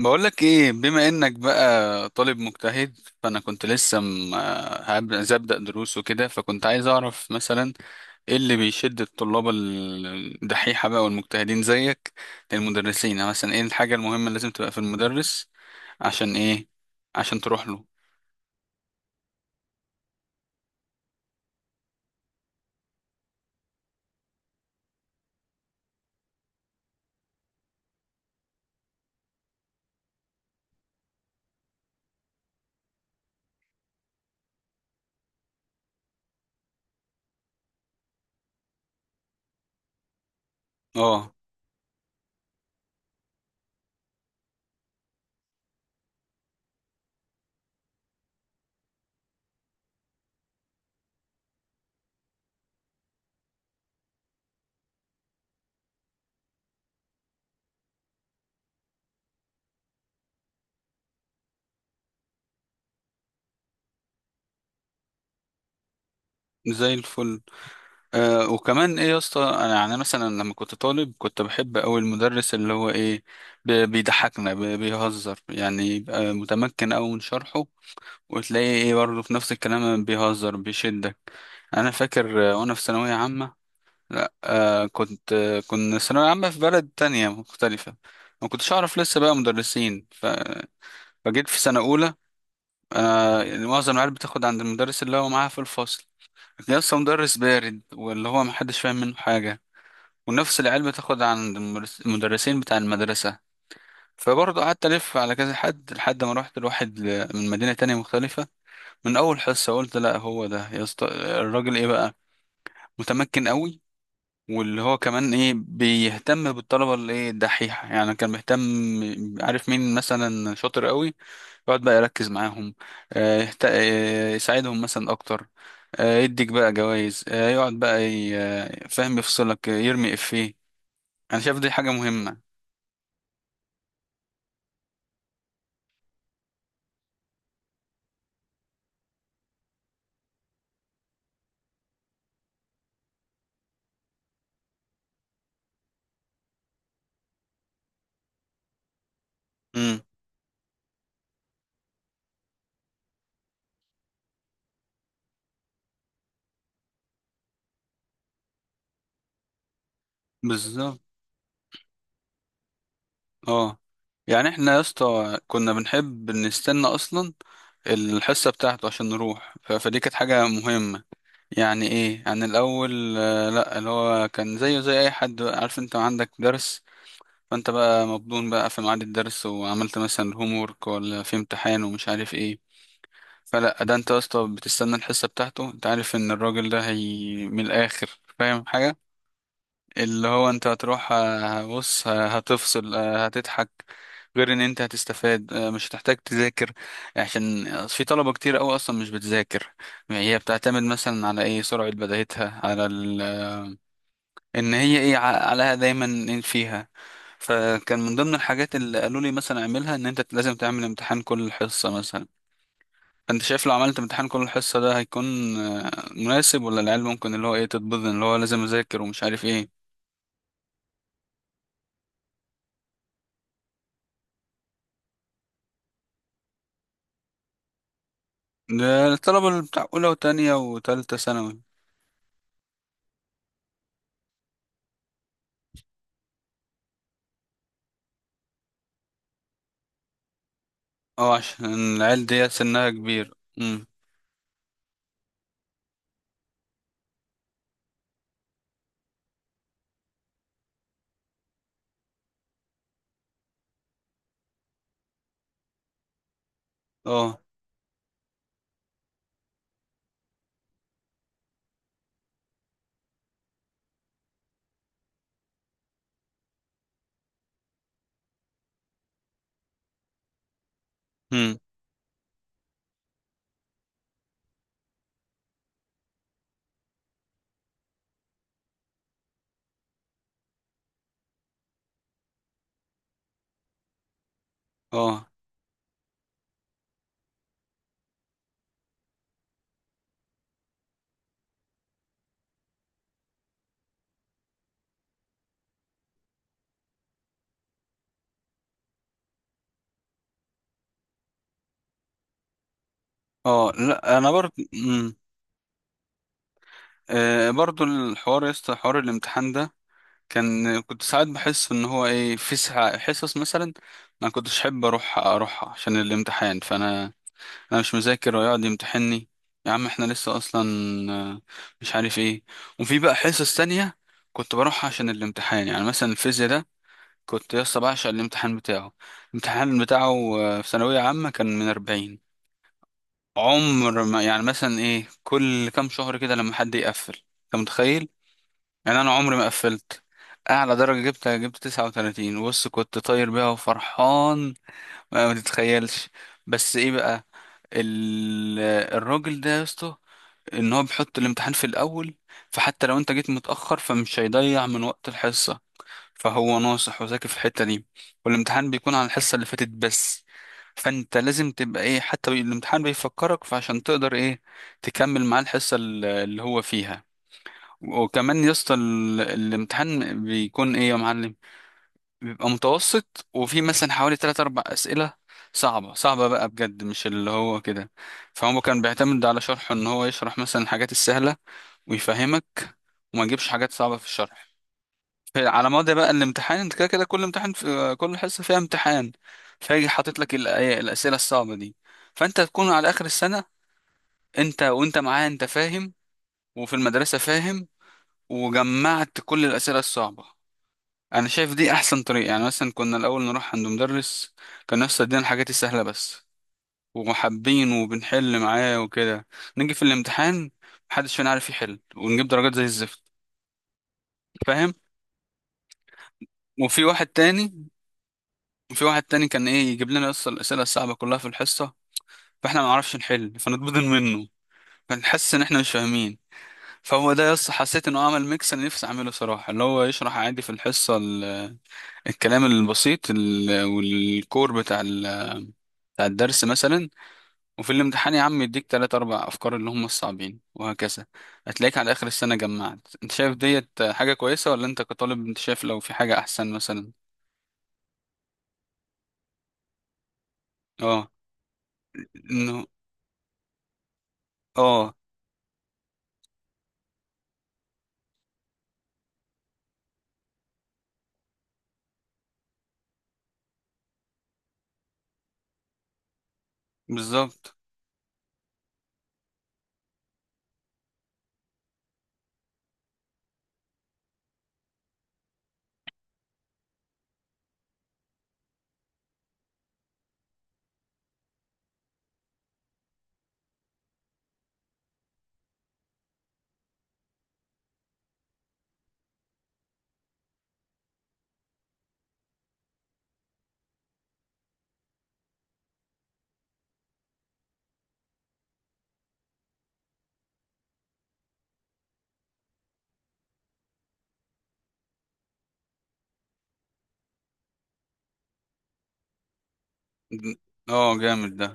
بقولك ايه؟ بما انك بقى طالب مجتهد، فانا كنت لسه عايز ابدأ دروس وكده، فكنت عايز اعرف مثلا ايه اللي بيشد الطلاب الدحيحة بقى والمجتهدين زيك للمدرسين. يعني مثلا ايه الحاجة المهمة اللي لازم تبقى في المدرس؟ عشان ايه؟ عشان تروح له. اه، زي الفل. وكمان ايه يا اسطى، انا يعني مثلا لما كنت طالب كنت بحب اوي المدرس اللي هو ايه، بيضحكنا، بيهزر. يعني يبقى متمكن اوي من شرحه، وتلاقيه ايه برضه في نفس الكلام بيهزر بيشدك. انا فاكر، وانا في ثانويه عامه، لا آه كنت آه كنا ثانويه عامه في بلد تانية مختلفه، ما كنتش اعرف لسه بقى مدرسين فجيت في سنه اولى. انا يعني معظم العيال بتاخد عند المدرس اللي هو معاها في الفصل، لكن لسه مدرس بارد واللي هو محدش فاهم منه حاجه. ونفس العيال بتاخد عند المدرسين بتاع المدرسه. فبرضه قعدت الف على كذا حد لحد ما روحت لواحد من مدينه تانية مختلفه. من اول حصه قلت، لا هو ده يا اسطى الراجل، ايه بقى، متمكن قوي. واللي هو كمان ايه، بيهتم بالطلبه اللي ايه الدحيحه، يعني كان بيهتم. عارف مين مثلا شاطر قوي، يقعد بقى يركز معاهم. آه، يهت... آه، يساعدهم مثلا اكتر. يديك بقى جوائز. آه، يقعد بقى ي... آه، فاهم، يفصلك، يرمي افيه. انا شايف دي حاجه مهمه. امم. بالظبط. اه. يعني احنا يا اسطى كنا بنحب نستنى اصلا الحصه بتاعته عشان نروح. فدي كانت حاجه مهمه. يعني ايه؟ يعني الاول، لا اللي هو كان زيه زي اي حد بقى. عارف انت عندك درس، فانت بقى مبدون بقى في ميعاد الدرس، وعملت مثلا هوم وورك، ولا في امتحان ومش عارف ايه. فلا، ده انت يا اسطى بتستنى الحصه بتاعته. انت عارف ان الراجل ده، هي من الاخر، فاهم حاجه. اللي هو انت هتروح، بص، هتفصل، هتضحك. غير ان انت هتستفاد، مش هتحتاج تذاكر. عشان في طلبة كتير قوي اصلا مش بتذاكر. يعني هي بتعتمد مثلا على ايه، سرعة بداهتها، على ان هي ايه عليها دايما، إيه فيها. فكان من ضمن الحاجات اللي قالوا لي مثلا اعملها، ان انت لازم تعمل امتحان كل حصة مثلا. انت شايف لو عملت امتحان كل حصة ده هيكون، مناسب؟ ولا العيال ممكن اللي هو ايه تتبضن، اللي هو لازم اذاكر ومش عارف ايه. ده الطلبة اللي بتاع أولى وتانية وتالتة ثانوي. اه عشان العيال دي سنها كبير. امم. اه. امم. اه. اه. لا أنا برضه. امم. برضه الحوار يا اسطى، حوار الامتحان ده، كان كنت ساعات بحس إن هو إيه، في ساعة حصص مثلا ما كنتش أحب أروحها عشان الامتحان. فأنا أنا مش مذاكر ويقعد يمتحني؟ يا عم احنا لسه أصلا، آه، مش عارف إيه. وفي بقى حصص تانية كنت بروحها عشان الامتحان. يعني مثلا الفيزياء ده، كنت يسطا بعشق الامتحان بتاعه. الامتحان بتاعه في ثانوية عامة كان من 40. عمر ما، يعني مثلا إيه كل كام شهر كده لما حد يقفل، أنت متخيل؟ يعني أنا عمري ما قفلت. أعلى درجة جبتها، جبت 39. بص، كنت طاير بيها وفرحان، ما تتخيلش. بس إيه بقى، ال... الراجل ده يا اسطى، إن هو بيحط الامتحان في الأول، فحتى لو أنت جيت متأخر فمش هيضيع من وقت الحصة. فهو ناصح وذكي في الحتة دي. والامتحان بيكون على الحصة اللي فاتت بس، فانت لازم تبقى ايه، حتى الامتحان بيفكرك، فعشان تقدر ايه تكمل معاه الحصة اللي هو فيها. وكمان يا اسطى الامتحان بيكون ايه يا معلم، بيبقى متوسط، وفي مثلا حوالي 3 4 أسئلة صعبة صعبة بقى بجد، مش اللي هو كده. فهو كان بيعتمد على شرحه ان هو يشرح مثلا الحاجات السهلة ويفهمك، وما يجيبش حاجات صعبة في الشرح. على مدى بقى الامتحان، انت كده كده كل امتحان، في كل حصه فيها امتحان، فيجي حاطط لك الاسئله الصعبه دي. فانت تكون على اخر السنه، انت وانت معاه، انت فاهم، وفي المدرسه فاهم، وجمعت كل الاسئله الصعبه. انا شايف دي احسن طريقه. يعني مثلا كنا الاول نروح عند مدرس كان نفسه يدينا الحاجات السهله بس، ومحبين وبنحل معاه وكده، نيجي في الامتحان محدش فينا عارف يحل، ونجيب درجات زي الزفت. فاهم؟ وفي واحد تاني، كان ايه، يجيب لنا اصلا الاسئله الصعبه كلها في الحصه، فاحنا ما نعرفش نحل، فنتبضن منه، فنحس ان احنا مش فاهمين. فهو ده، يس حسيت انه عمل ميكس انا نفسي اعمله صراحه، اللي هو يشرح عادي في الحصه الكلام البسيط والكور بتاع الدرس مثلا، وفي الامتحان يا عم يديك تلات اربع افكار اللي هم الصعبين، وهكذا. هتلاقيك على اخر السنه جمعت. انت شايف ديت حاجه كويسه، ولا انت كطالب انت شايف لو في حاجه احسن مثلا؟ اه. انه. اه. بالظبط. اه جامد ده.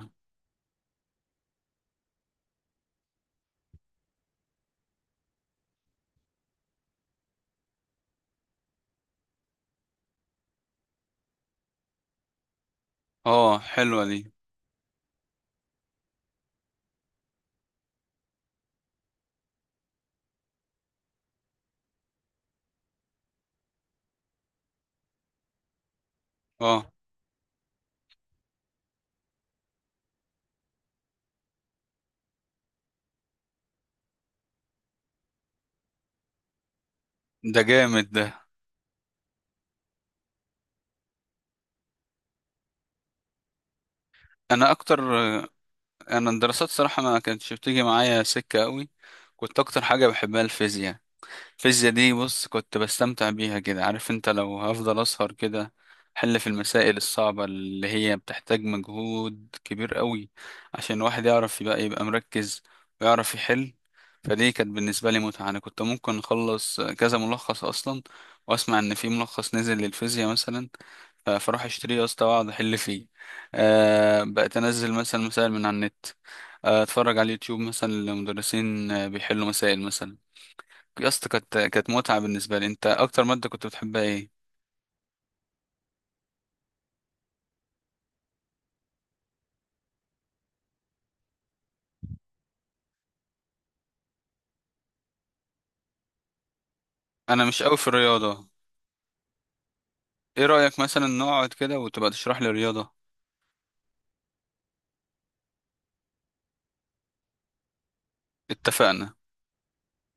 اه حلوة دي. اه ده جامد ده. انا اكتر. انا الدراسات صراحة ما كانتش بتيجي معايا سكة قوي. كنت اكتر حاجة بحبها الفيزياء. الفيزياء دي بص كنت بستمتع بيها كده. عارف انت، لو هفضل اسهر كده حل في المسائل الصعبة اللي هي بتحتاج مجهود كبير قوي عشان الواحد يعرف يبقى مركز ويعرف يحل. فدي كانت بالنسبة لي متعة. أنا كنت ممكن أخلص كذا ملخص أصلا، وأسمع إن في ملخص نزل للفيزياء مثلا، فأروح أشتريه يا اسطى وأقعد أحل فيه. أه بقيت أنزل مثلا مسائل من على النت، أتفرج على اليوتيوب مثلا لمدرسين بيحلوا مسائل مثلا. يا اسطى كانت متعة بالنسبة لي. انت اكتر مادة كنت بتحبها ايه؟ انا مش قوي في الرياضة. ايه رأيك مثلا نقعد كده وتبقى تشرح لي الرياضة؟ اتفقنا.